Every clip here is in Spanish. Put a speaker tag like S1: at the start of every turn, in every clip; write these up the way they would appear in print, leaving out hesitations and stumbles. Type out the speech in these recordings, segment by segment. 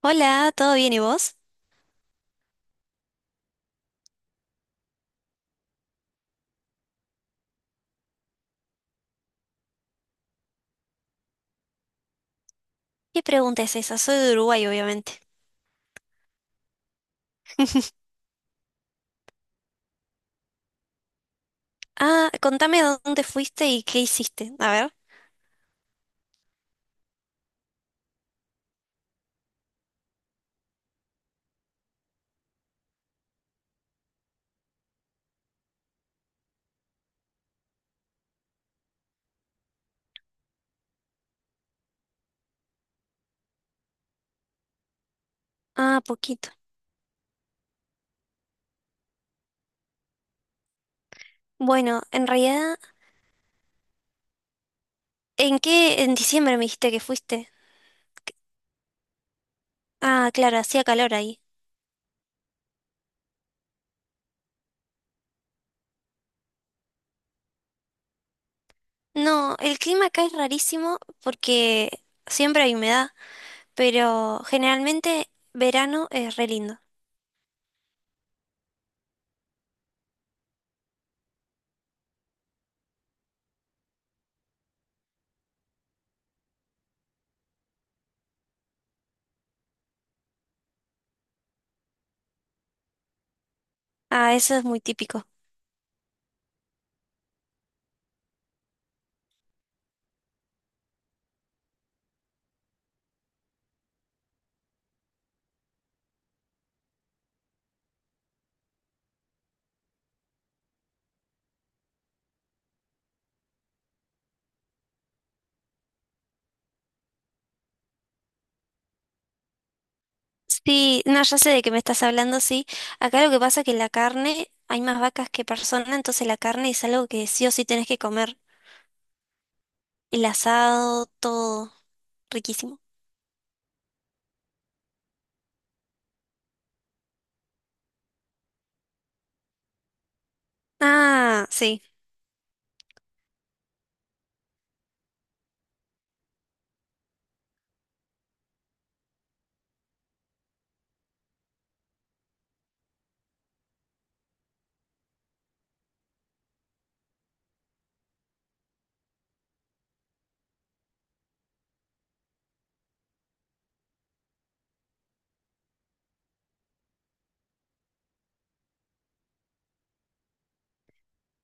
S1: Hola, ¿todo bien y vos? ¿Qué pregunta es esa? Soy de Uruguay, obviamente. Ah, contame dónde fuiste y qué hiciste. A ver. Ah, poquito. Bueno, en realidad, ¿en qué en diciembre me dijiste que fuiste? Ah, claro, hacía calor ahí. No, el clima acá es rarísimo porque siempre hay humedad, pero generalmente verano es re lindo. Ah, eso es muy típico. Sí, no, ya sé de qué me estás hablando, sí. Acá lo que pasa es que la carne, hay más vacas que personas, entonces la carne es algo que sí o sí tenés que comer. El asado, todo, riquísimo. Ah, sí,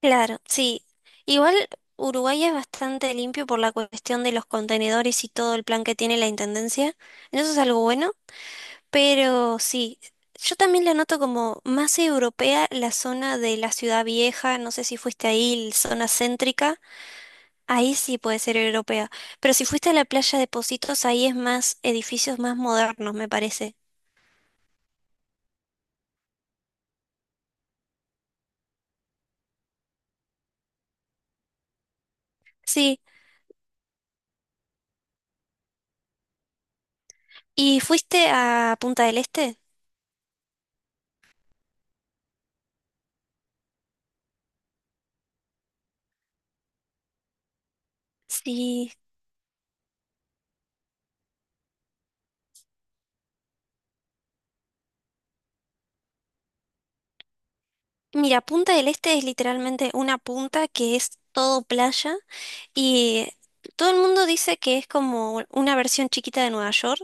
S1: claro, sí. Igual Uruguay es bastante limpio por la cuestión de los contenedores y todo el plan que tiene la intendencia. Eso es algo bueno, pero sí, yo también la noto como más europea la zona de la ciudad vieja, no sé si fuiste ahí, la zona céntrica. Ahí sí puede ser europea. Pero si fuiste a la playa de Positos, ahí es más edificios más modernos, me parece. Sí. ¿Y fuiste a Punta del Este? Sí. Mira, Punta del Este es literalmente una punta que es todo playa y todo el mundo dice que es como una versión chiquita de Nueva York.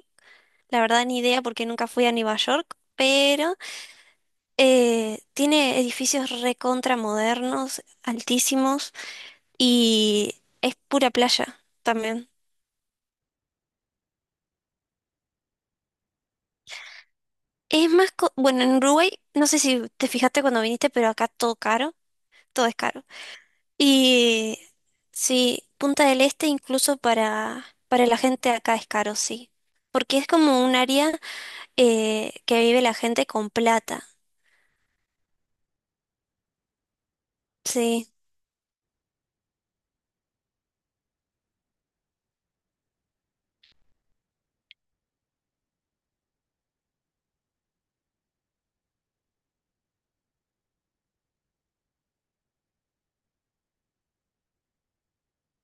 S1: La verdad, ni idea porque nunca fui a Nueva York, pero tiene edificios recontra modernos, altísimos y es pura playa también. Es más, co- bueno, en Uruguay, no sé si te fijaste cuando viniste, pero acá todo caro, todo es caro. Y sí, Punta del Este incluso para la gente acá es caro, sí. Porque es como un área que vive la gente con plata. Sí,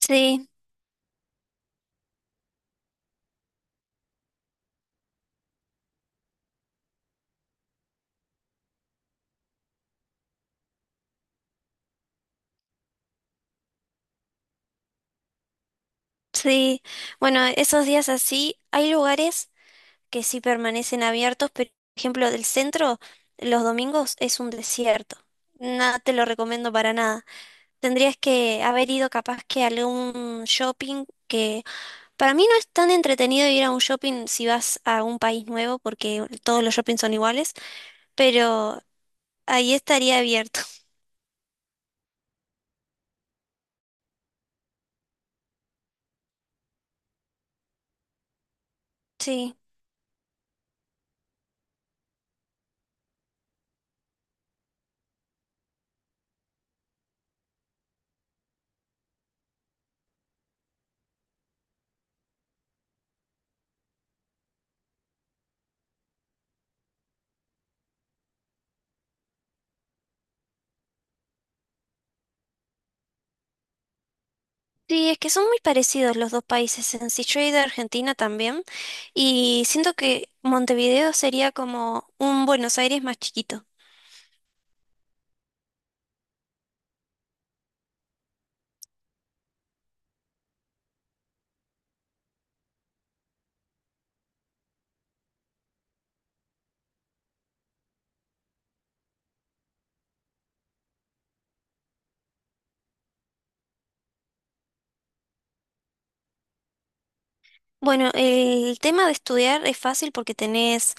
S1: sí, sí. Bueno, esos días así, hay lugares que sí permanecen abiertos, pero por ejemplo, del centro, los domingos es un desierto. Nada te lo recomiendo para nada. Tendrías que haber ido capaz que a algún shopping que para mí no es tan entretenido ir a un shopping si vas a un país nuevo porque todos los shoppings son iguales, pero ahí estaría abierto. Sí. Sí, es que son muy parecidos los dos países en sí. Yo he ido a Argentina también y siento que Montevideo sería como un Buenos Aires más chiquito. Bueno, el tema de estudiar es fácil porque tenés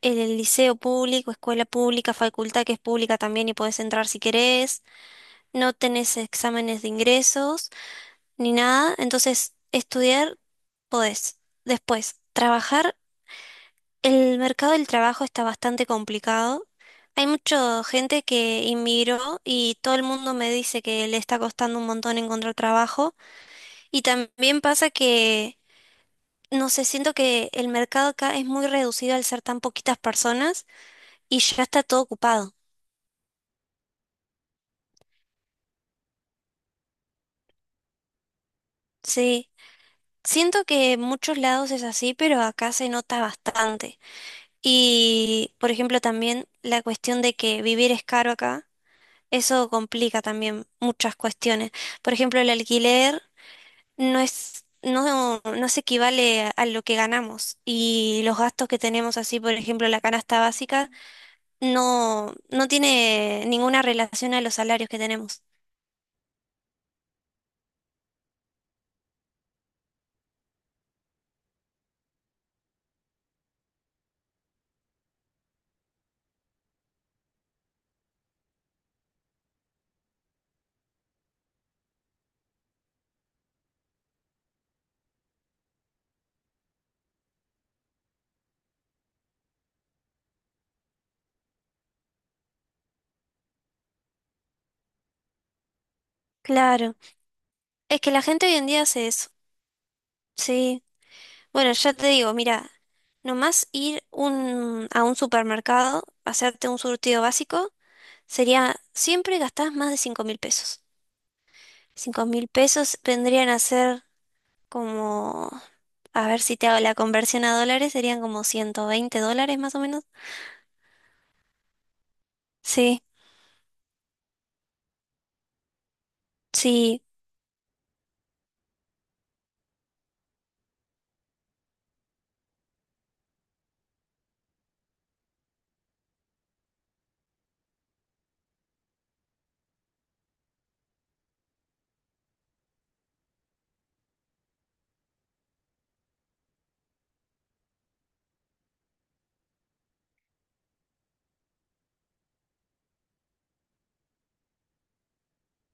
S1: el liceo público, escuela pública, facultad que es pública también y podés entrar si querés. No tenés exámenes de ingresos ni nada. Entonces, estudiar podés. Después, trabajar. El mercado del trabajo está bastante complicado. Hay mucha gente que inmigró y todo el mundo me dice que le está costando un montón encontrar trabajo. Y también pasa que, no sé, siento que el mercado acá es muy reducido al ser tan poquitas personas y ya está todo ocupado. Sí, siento que en muchos lados es así, pero acá se nota bastante. Y, por ejemplo, también la cuestión de que vivir es caro acá, eso complica también muchas cuestiones. Por ejemplo, el alquiler no es, no, no se equivale a lo que ganamos. Y los gastos que tenemos así, por ejemplo, la canasta básica, no, no tiene ninguna relación a los salarios que tenemos. Claro, es que la gente hoy en día hace eso. Sí. Bueno, ya te digo, mira, nomás ir un, a un supermercado, hacerte un surtido básico, sería, siempre gastás más de 5.000 pesos. 5.000 pesos vendrían a ser como, a ver si te hago la conversión a dólares, serían como 120 dólares más o menos. Sí, sí,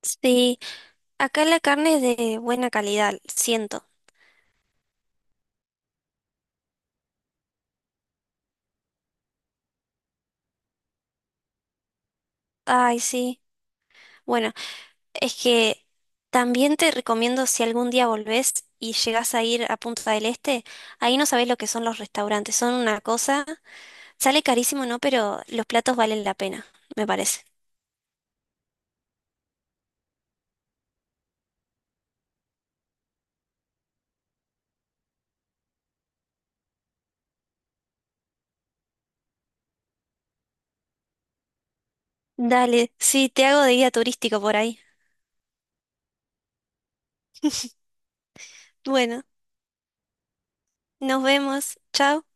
S1: sí. Acá la carne es de buena calidad, siento. Ay, sí. Bueno, es que también te recomiendo si algún día volvés y llegás a ir a Punta del Este, ahí no sabés lo que son los restaurantes, son una cosa, sale carísimo, ¿no? Pero los platos valen la pena, me parece. Dale, sí, te hago de guía turístico por ahí. Bueno, nos vemos, chao.